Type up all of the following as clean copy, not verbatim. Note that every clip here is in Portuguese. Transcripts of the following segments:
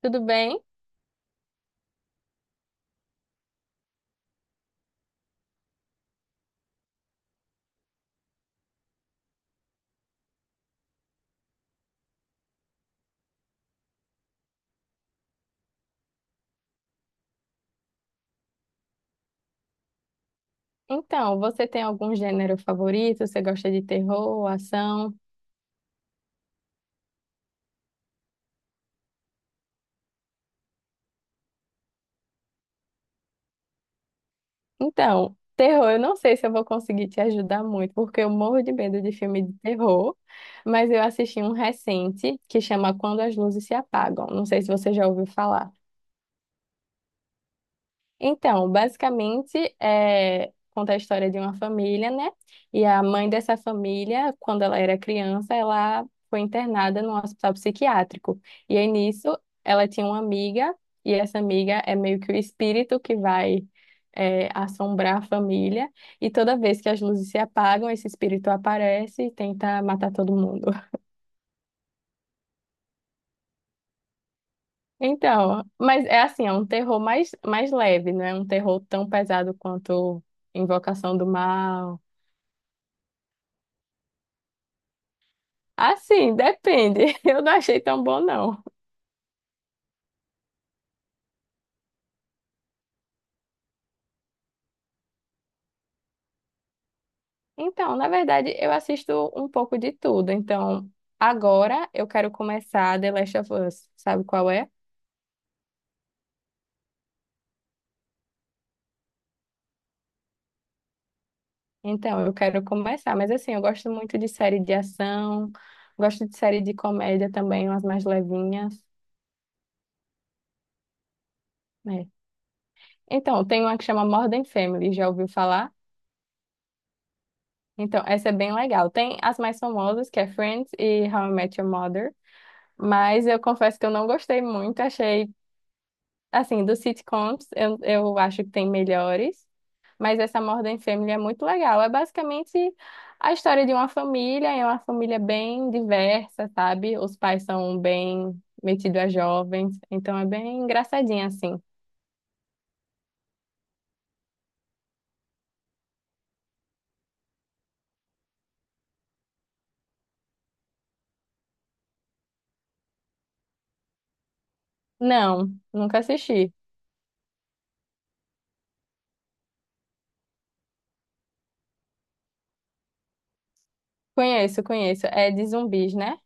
Tudo bem? Então, você tem algum gênero favorito? Você gosta de terror, ação? Então, terror, eu não sei se eu vou conseguir te ajudar muito, porque eu morro de medo de filme de terror, mas eu assisti um recente que chama Quando as Luzes se Apagam. Não sei se você já ouviu falar. Então, basicamente, conta a história de uma família, né? E a mãe dessa família, quando ela era criança, ela foi internada num hospital psiquiátrico. E aí, nisso, ela tinha uma amiga, e essa amiga é meio que o espírito que vai, assombrar a família. E toda vez que as luzes se apagam, esse espírito aparece e tenta matar todo mundo. Então, mas é assim, é um terror mais leve, não é um terror tão pesado quanto Invocação do Mal. Assim, depende. Eu não achei tão bom, não. Então, na verdade, eu assisto um pouco de tudo. Então, agora eu quero começar The Last of Us. Sabe qual é? Então, eu quero começar. Mas, assim, eu gosto muito de série de ação, gosto de série de comédia também, umas mais levinhas, né? Então, tem uma que chama Modern Family, já ouviu falar? Então, essa é bem legal. Tem as mais famosas, que é Friends e How I Met Your Mother. Mas eu confesso que eu não gostei muito, achei. Assim, dos sitcoms, eu acho que tem melhores, mas essa Modern Family é muito legal. É basicamente a história de uma família, é uma família bem diversa, sabe? Os pais são bem metidos a jovens, então é bem engraçadinha assim. Não, nunca assisti. Conheço, conheço. É de zumbis, né?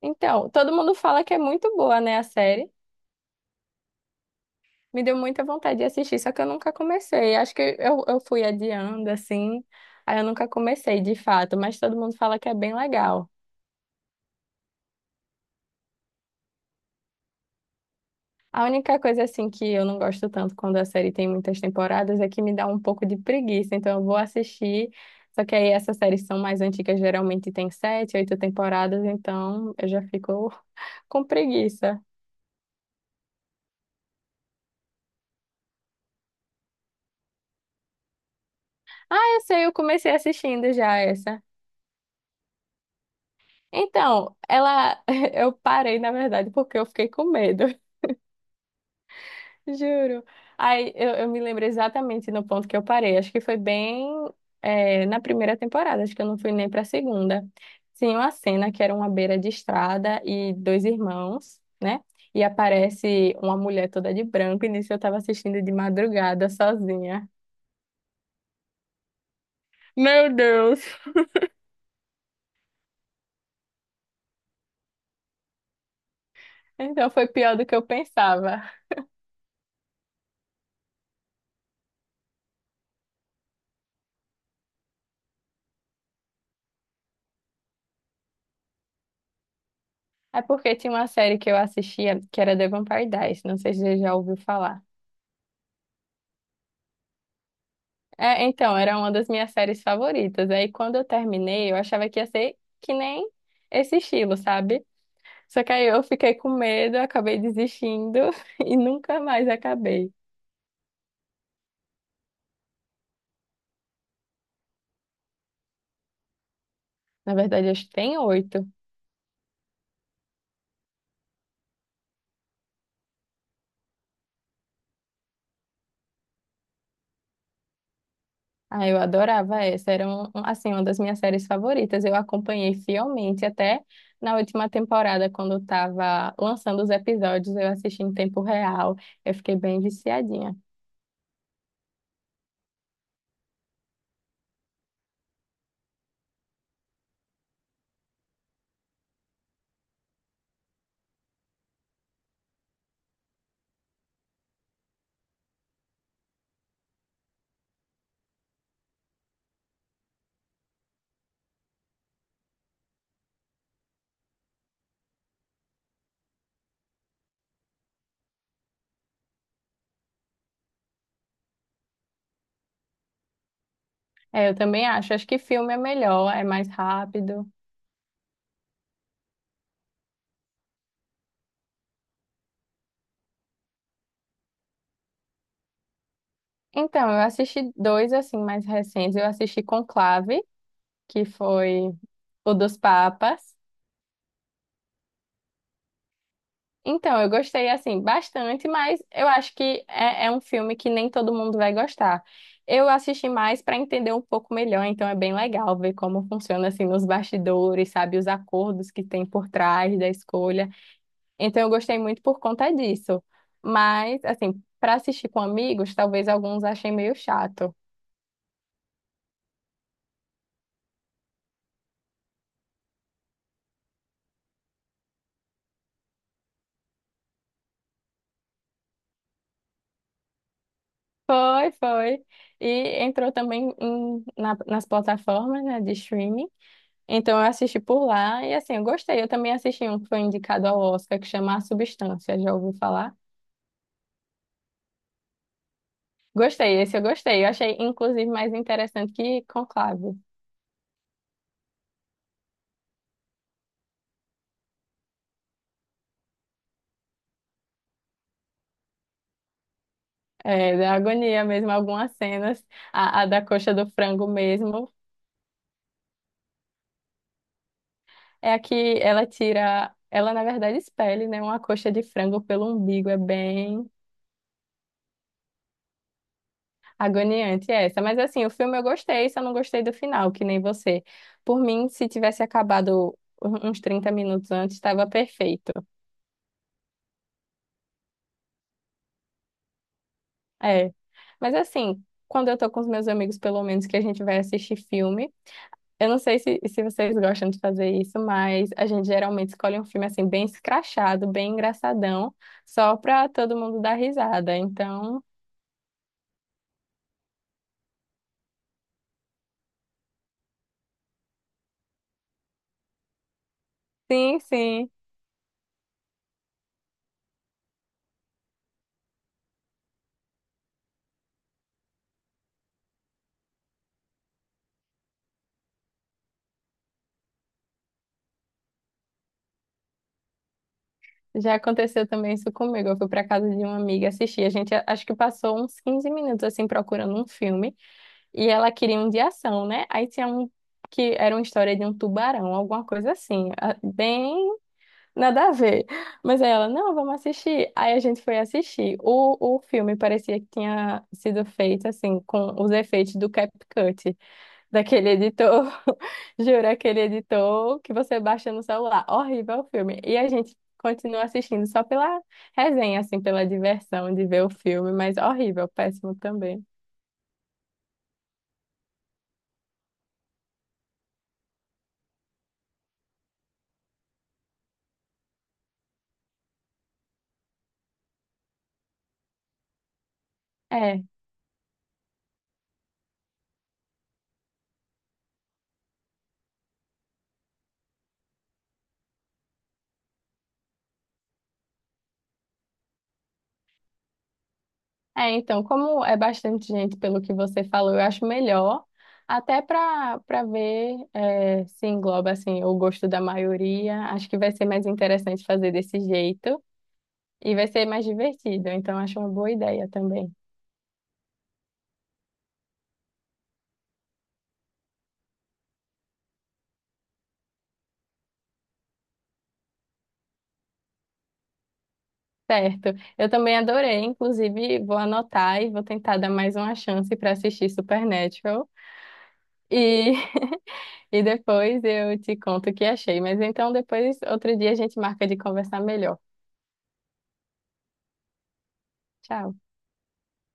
Então, todo mundo fala que é muito boa, né, a série. Me deu muita vontade de assistir, só que eu nunca comecei. Acho que eu fui adiando, assim. Aí eu nunca comecei, de fato, mas todo mundo fala que é bem legal. A única coisa, assim, que eu não gosto tanto quando a série tem muitas temporadas é que me dá um pouco de preguiça. Então eu vou assistir, só que aí essas séries são mais antigas, geralmente tem sete, oito temporadas, então eu já fico com preguiça. Essa eu comecei assistindo já, essa. Então, ela, eu parei, na verdade, porque eu fiquei com medo. Juro. Aí eu me lembro exatamente no ponto que eu parei. Acho que foi bem na primeira temporada, acho que eu não fui nem para a segunda. Tinha uma cena que era uma beira de estrada e dois irmãos, né? E aparece uma mulher toda de branco, e nisso eu estava assistindo de madrugada sozinha. Meu Deus! Então foi pior do que eu pensava. É porque tinha uma série que eu assistia que era The Vampire Diaries, não sei se você já ouviu falar. É, então, era uma das minhas séries favoritas. Aí quando eu terminei, eu achava que ia ser que nem esse estilo, sabe? Só que aí eu fiquei com medo, acabei desistindo e nunca mais acabei. Na verdade, acho que tem oito. Ah, eu adorava essa. Era assim, uma das minhas séries favoritas. Eu acompanhei fielmente até na última temporada, quando estava lançando os episódios, eu assisti em tempo real. Eu fiquei bem viciadinha. É, eu também acho. Acho que filme é melhor, é mais rápido. Então, eu assisti dois assim mais recentes. Eu assisti Conclave, que foi o dos Papas. Então, eu gostei assim bastante, mas eu acho que é um filme que nem todo mundo vai gostar. Eu assisti mais para entender um pouco melhor, então é bem legal ver como funciona assim nos bastidores, sabe, os acordos que tem por trás da escolha. Então, eu gostei muito por conta disso. Mas, assim, para assistir com amigos, talvez alguns achem meio chato. Foi, foi. E entrou também nas plataformas, né, de streaming. Então eu assisti por lá e assim, eu gostei. Eu também assisti um que foi indicado ao Oscar, que chama A Substância, já ouviu falar? Gostei, esse eu gostei. Eu achei, inclusive, mais interessante que Conclave. É, da agonia mesmo, algumas cenas. A da coxa do frango mesmo. É a que ela tira... Ela, na verdade, espelha, né, uma coxa de frango pelo umbigo. É bem... Agoniante essa, mas assim, o filme eu gostei, só não gostei do final, que nem você. Por mim, se tivesse acabado uns 30 minutos antes, estava perfeito. É. Mas assim, quando eu tô com os meus amigos, pelo menos que a gente vai assistir filme, eu não sei se vocês gostam de fazer isso, mas a gente geralmente escolhe um filme assim, bem escrachado, bem engraçadão, só pra todo mundo dar risada. Então, sim, sim, já aconteceu também isso comigo. Eu fui para casa de uma amiga assistir. A gente acho que passou uns 15 minutos assim procurando um filme e ela queria um de ação, né? Aí tinha um que era uma história de um tubarão, alguma coisa assim, bem nada a ver. Mas aí ela, não, vamos assistir. Aí a gente foi assistir. O filme parecia que tinha sido feito assim com os efeitos do CapCut daquele editor, juro, aquele editor que você baixa no celular. Horrível o filme. E a gente continua assistindo só pela resenha, assim, pela diversão de ver o filme, mas horrível, péssimo também. É, é, então, como é bastante gente, pelo que você falou, eu acho melhor, até para ver se engloba, assim, o gosto da maioria. Acho que vai ser mais interessante fazer desse jeito e vai ser mais divertido, então acho uma boa ideia também. Certo. Eu também adorei, inclusive vou anotar e vou tentar dar mais uma chance para assistir Supernatural. E, e depois eu te conto o que achei. Mas então depois, outro dia, a gente marca de conversar melhor. Tchau.